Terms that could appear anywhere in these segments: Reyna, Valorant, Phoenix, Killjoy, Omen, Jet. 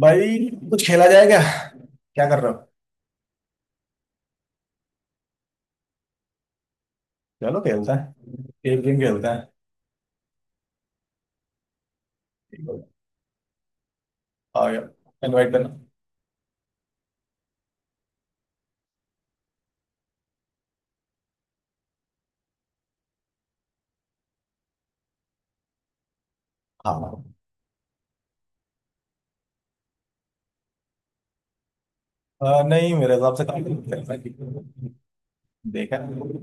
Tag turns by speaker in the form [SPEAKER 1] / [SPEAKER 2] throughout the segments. [SPEAKER 1] भाई, कुछ खेला जाए क्या? क्या कर रहे हो? चलो खेलता है। एक गेम खेलता है। ठीक हो गया। आ गया। इनवाइट करना। हाँ। नहीं, मेरे हिसाब से काफी लोग खेलते हैं। देखा है,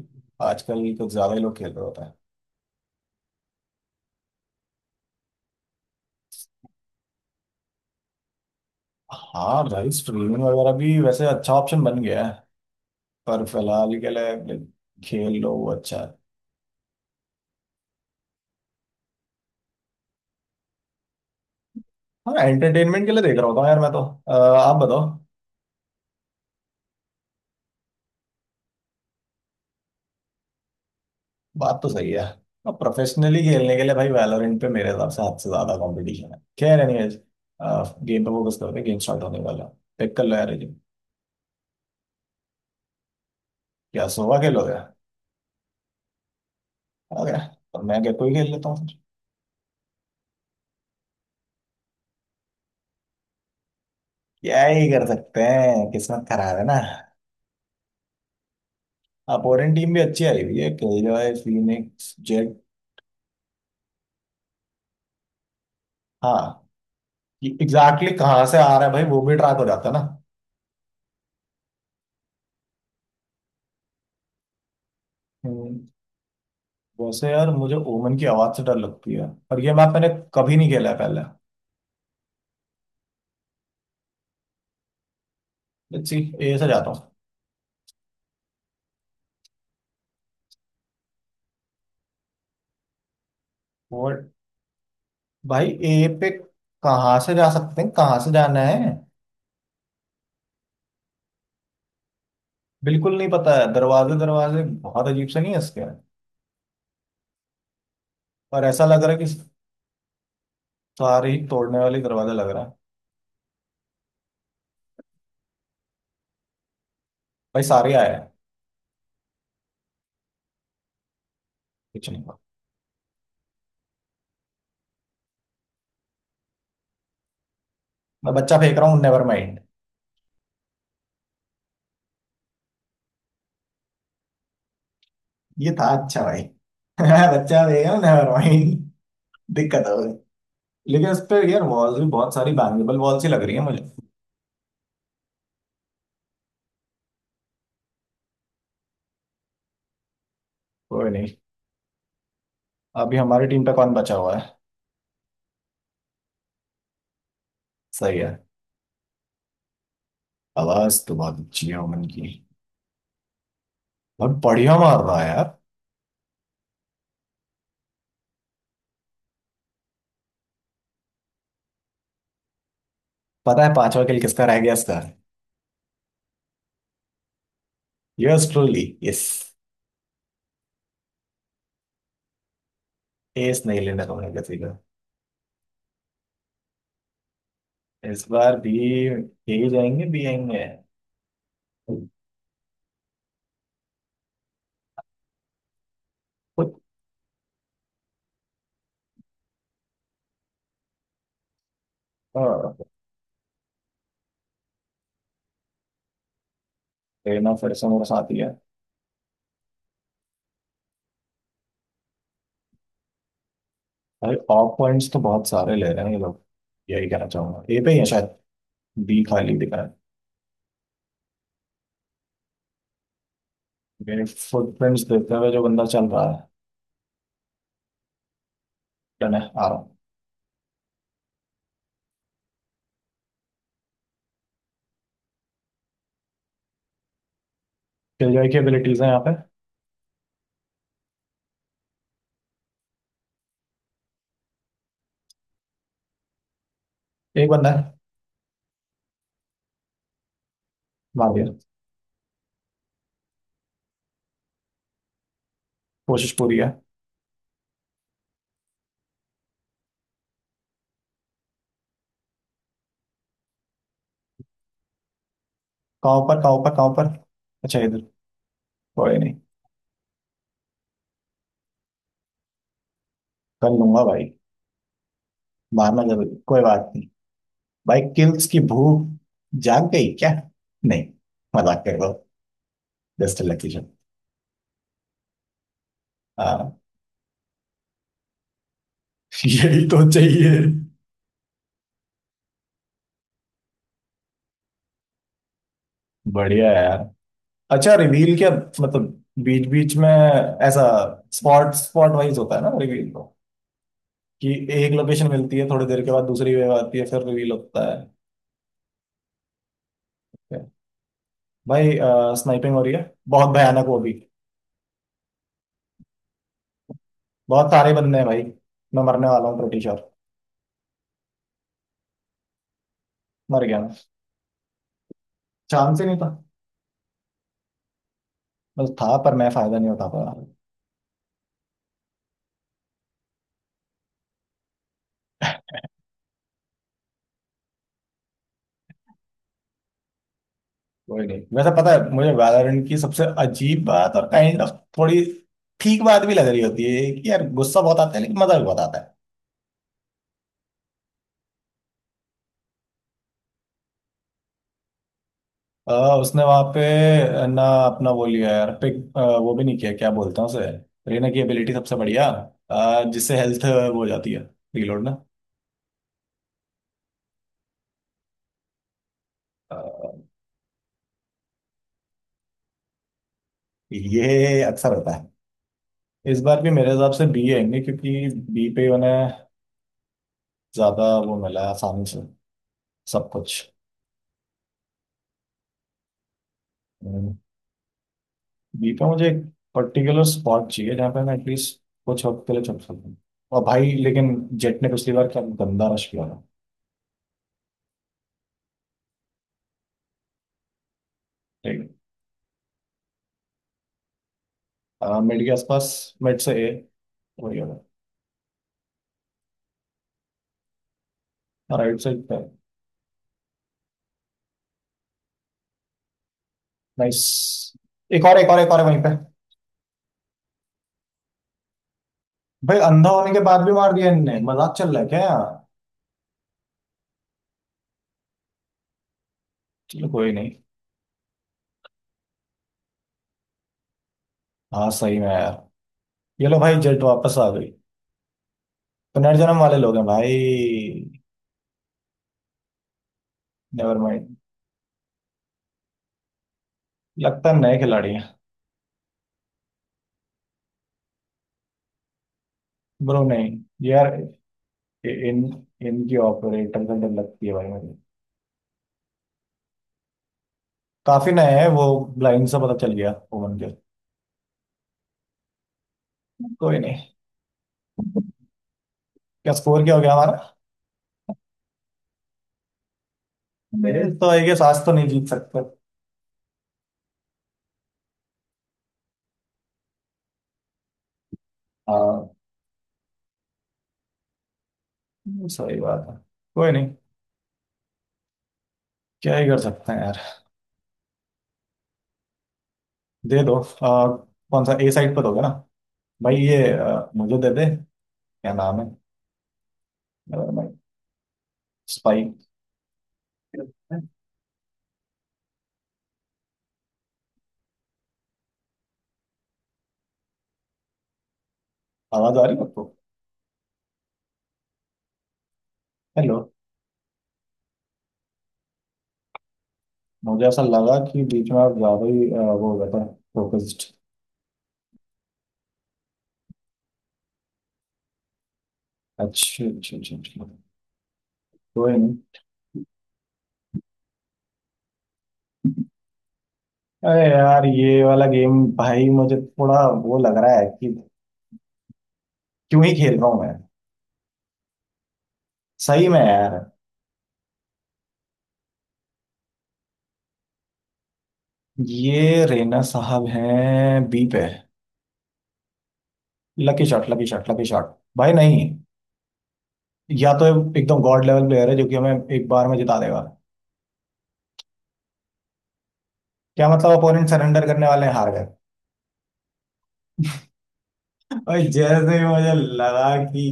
[SPEAKER 1] आजकल कुछ ज्यादा ही लोग खेल रहे होता है। हाँ भाई, स्ट्रीमिंग वगैरह भी वैसे अच्छा ऑप्शन बन गया है। पर फिलहाल के लिए खेल लो, वो अच्छा है। हाँ, एंटरटेनमेंट के लिए देख रहा होता हूँ यार मैं तो। आ, आप बताओ। बात तो सही है। अब प्रोफेशनली खेलने के लिए भाई वैलोरेंट पे मेरे हिसाब से हद से ज्यादा कंपटीशन है। खैर एनीवेज। गेम पे फोकस करते हैं, गेम स्टार्ट होने वाला है। पिक कर लो यार ये game। क्या सोवा खेलोगे? आ गया। तो मैं क्या कोई खेल लेता हूँ फिर। क्या ही कर सकते हैं, किस्मत खराब है ना। अपोनेंट टीम भी अच्छी आई हुई है, किलजॉय, फीनिक्स, जेट। हाँ, एग्जैक्टली कहाँ से आ रहा है भाई, वो भी ट्रैक हो जाता है ना। हम्म। वैसे यार, मुझे ओमन की आवाज से डर लगती है। और ये मैप मैंने कभी नहीं खेला है पहले। Let's see. ए से जाता हूँ भाई। ए पे कहाँ से जा सकते हैं? कहाँ से जाना है? बिल्कुल नहीं पता है, दरवाजे दरवाजे बहुत अजीब से नहीं है इसके? और ऐसा लग रहा है कि सारे ही तोड़ने वाले दरवाजा लग रहा है। भाई सारे आया है। कुछ नहीं हुआ। मैं बच्चा फेंक रहा हूँ, नेवर माइंड। ये था अच्छा भाई। मैं बच्चा फेंक रहा हूँ, नेवर माइंड। दिक्कत हो गई। लेकिन इस पे यार वॉल्स भी बहुत सारी बैंगेबल वॉल्स ही लग रही है मुझे। कोई नहीं। अभी हमारी टीम पे कौन बचा हुआ है? सही है। आवाज तो बहुत अच्छी है अमन की। बहुत बढ़िया मार रहा है यार। पता है पांचवा किल किसका रह गया इसका? Yes truly. यस। एस नहीं लेना होगा किसी का। इस बार भी यही जाएंगे, बी आएंगे। कुछ। हाँ, लेना फिर से मेरे साथ ही है। भाई ऑफ पॉइंट्स तो बहुत सारे ले रहे हैं ये लोग। यही कहना चाहूंगा, ए पे ही है शायद। बी खाली दिख रहा है। मेरे फुटप्रिंट्स देखते हुए जो बंदा चल रहा है। डन है, आ रहा हूँ। किलजॉय की एबिलिटीज है यहाँ पे। एक बंदा है। मार दिया। कोशिश पूरी है। कहाँ पर, कहाँ पर, कहाँ पर? अच्छा इधर। कोई नहीं। कर लूंगा भाई। मारना जरूरी, कोई बात नहीं। भाई किल्स की भूख जाग गई क्या? नहीं, मजाक कर रहा हूँ। Just election. हाँ, यही तो चाहिए। बढ़िया है यार। अच्छा, रिवील क्या मतलब? बीच बीच में ऐसा स्पॉट स्पॉट वाइज होता है ना रिवील तो? कि एक लोकेशन मिलती है, थोड़ी देर के बाद दूसरी वेव आती है, फिर रिवील होता है। क्या? भाई स्नाइपिंग हो रही है बहुत भयानक वो भी। बहुत सारे बंदे हैं भाई। मैं मरने वाला हूँ ब्रिटिश, और मर गया मैं। चांस ही नहीं था। बस था पर मैं फायदा नहीं उठा पाया। कोई नहीं, वैसे पता है मुझे वैलोरेंट की सबसे अजीब बात, और काइंड ऑफ थोड़ी ठीक बात भी लग रही होती है कि यार गुस्सा बहुत आता है, लेकिन मजा भी बहुत आता है। अ, उसने वहां पे ना अपना वो लिया यार, पिक वो भी नहीं किया, क्या बोलते हैं उसे? रीना की एबिलिटी सबसे बढ़िया, जिससे हेल्थ वो हो जाती है। रीलोड ना। अ, ये अक्सर होता है। इस बार भी मेरे हिसाब से बी आएंगे, क्योंकि बी पे उन्हें ज्यादा वो मिला है आसानी से, सब कुछ। हम्म। गीता मुझे एक पर्टिकुलर स्पॉट चाहिए जहाँ पे मैं एटलीस्ट कुछ वक्त के लिए चल सकूँ। और भाई लेकिन जेट ने पिछली बार क्या गंदा रश किया था। ठीक है, मिड के आसपास, मिड से ए, वही होगा। राइट साइड पे। नाइस। एक और, एक और, एक और है वहीं पे। भाई अंधा होने के बाद भी मार दिया इनने, मजाक चल रहा है क्या यार? चलो कोई नहीं। हाँ सही में यार। ये लो भाई जेट वापस आ गई। पुनर्जन्म वाले लोग हैं भाई। Never mind. लगता है नए खिलाड़ी हैं। ब्रो नहीं यार, इन इनकी ऑपरेटर का डर लगती है भाई मुझे। काफी नया है वो। ब्लाइंड से पता चल गया ओवन के। कोई नहीं। क्या स्कोर क्या हो गया हमारा? मेरे तो आई गेस आज तो नहीं जीत सकते। हाँ, सही बात है। कोई नहीं, क्या ही कर सकते हैं यार। दे दो। कौन सा? ए साइड पर होगा ना। भाई ये मुझे दे दे। क्या नाम है? Never mind. स्पाइक। आवाज आ रही है आपको? हेलो। मुझे ऐसा लगा कि बीच में आप ज्यादा ही वो हो गया था, फोकस्ड। अच्छा, अच्छा, अच्छा, अच्छा। कोई नहीं। अरे यार, ये वाला गेम भाई मुझे थोड़ा वो लग रहा है कि क्यों ही खेल रहा हूँ मैं। सही में यार। ये रेना साहब हैं बी पे। Lucky shot, lucky shot, lucky shot. भाई नहीं, या तो एकदम गॉड लेवल प्लेयर है जो कि हमें एक बार में जिता देगा। क्या मतलब अपोनेंट सरेंडर करने वाले हैं? हार गए? और जैसे ही मुझे लगा कि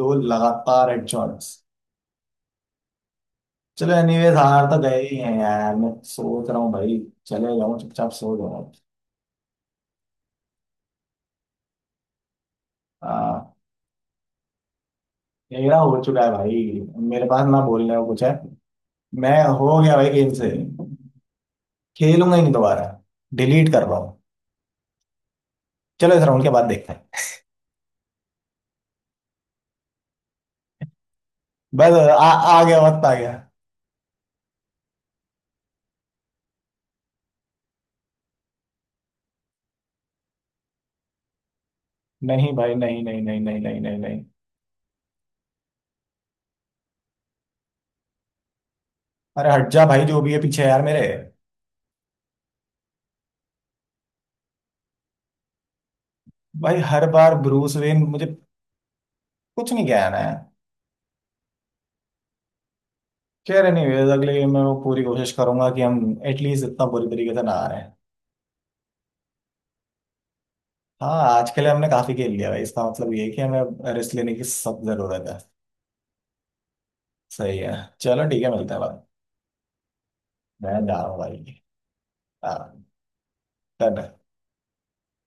[SPEAKER 1] दो लगातार हेडशॉट्स। चलो एनीवेज, हार तो गए ही हैं यार, मैं सोच रहा हूँ भाई चले जाऊँ, चुपचाप सो जाऊँ। मेरा हो चुका है भाई। मेरे पास ना बोलने को कुछ है। मैं हो गया भाई गेम से। खेलूंगा ही नहीं दोबारा। डिलीट कर रहा हूँ। चलो इस राउंड के बाद देखते हैं। बस, आ गया वक्त, आ गया। नहीं भाई, नहीं नहीं नहीं नहीं नहीं नहीं नहीं। अरे हट जा भाई, जो भी है पीछे यार मेरे। भाई हर बार ब्रूस वेन, मुझे कुछ नहीं कहना है। खैर एनीवेज, अगले गेम में वो पूरी कोशिश करूंगा कि हम एटलीस्ट इतना बुरी तरीके से ना आ रहे हैं। हाँ, आज के लिए हमने काफी खेल लिया भाई, इसका मतलब ये है कि हमें रेस्ट लेने की सब जरूरत है। सही है। चलो ठीक है, मिलते हैं बाद में। मैं ना वही, आह, तने।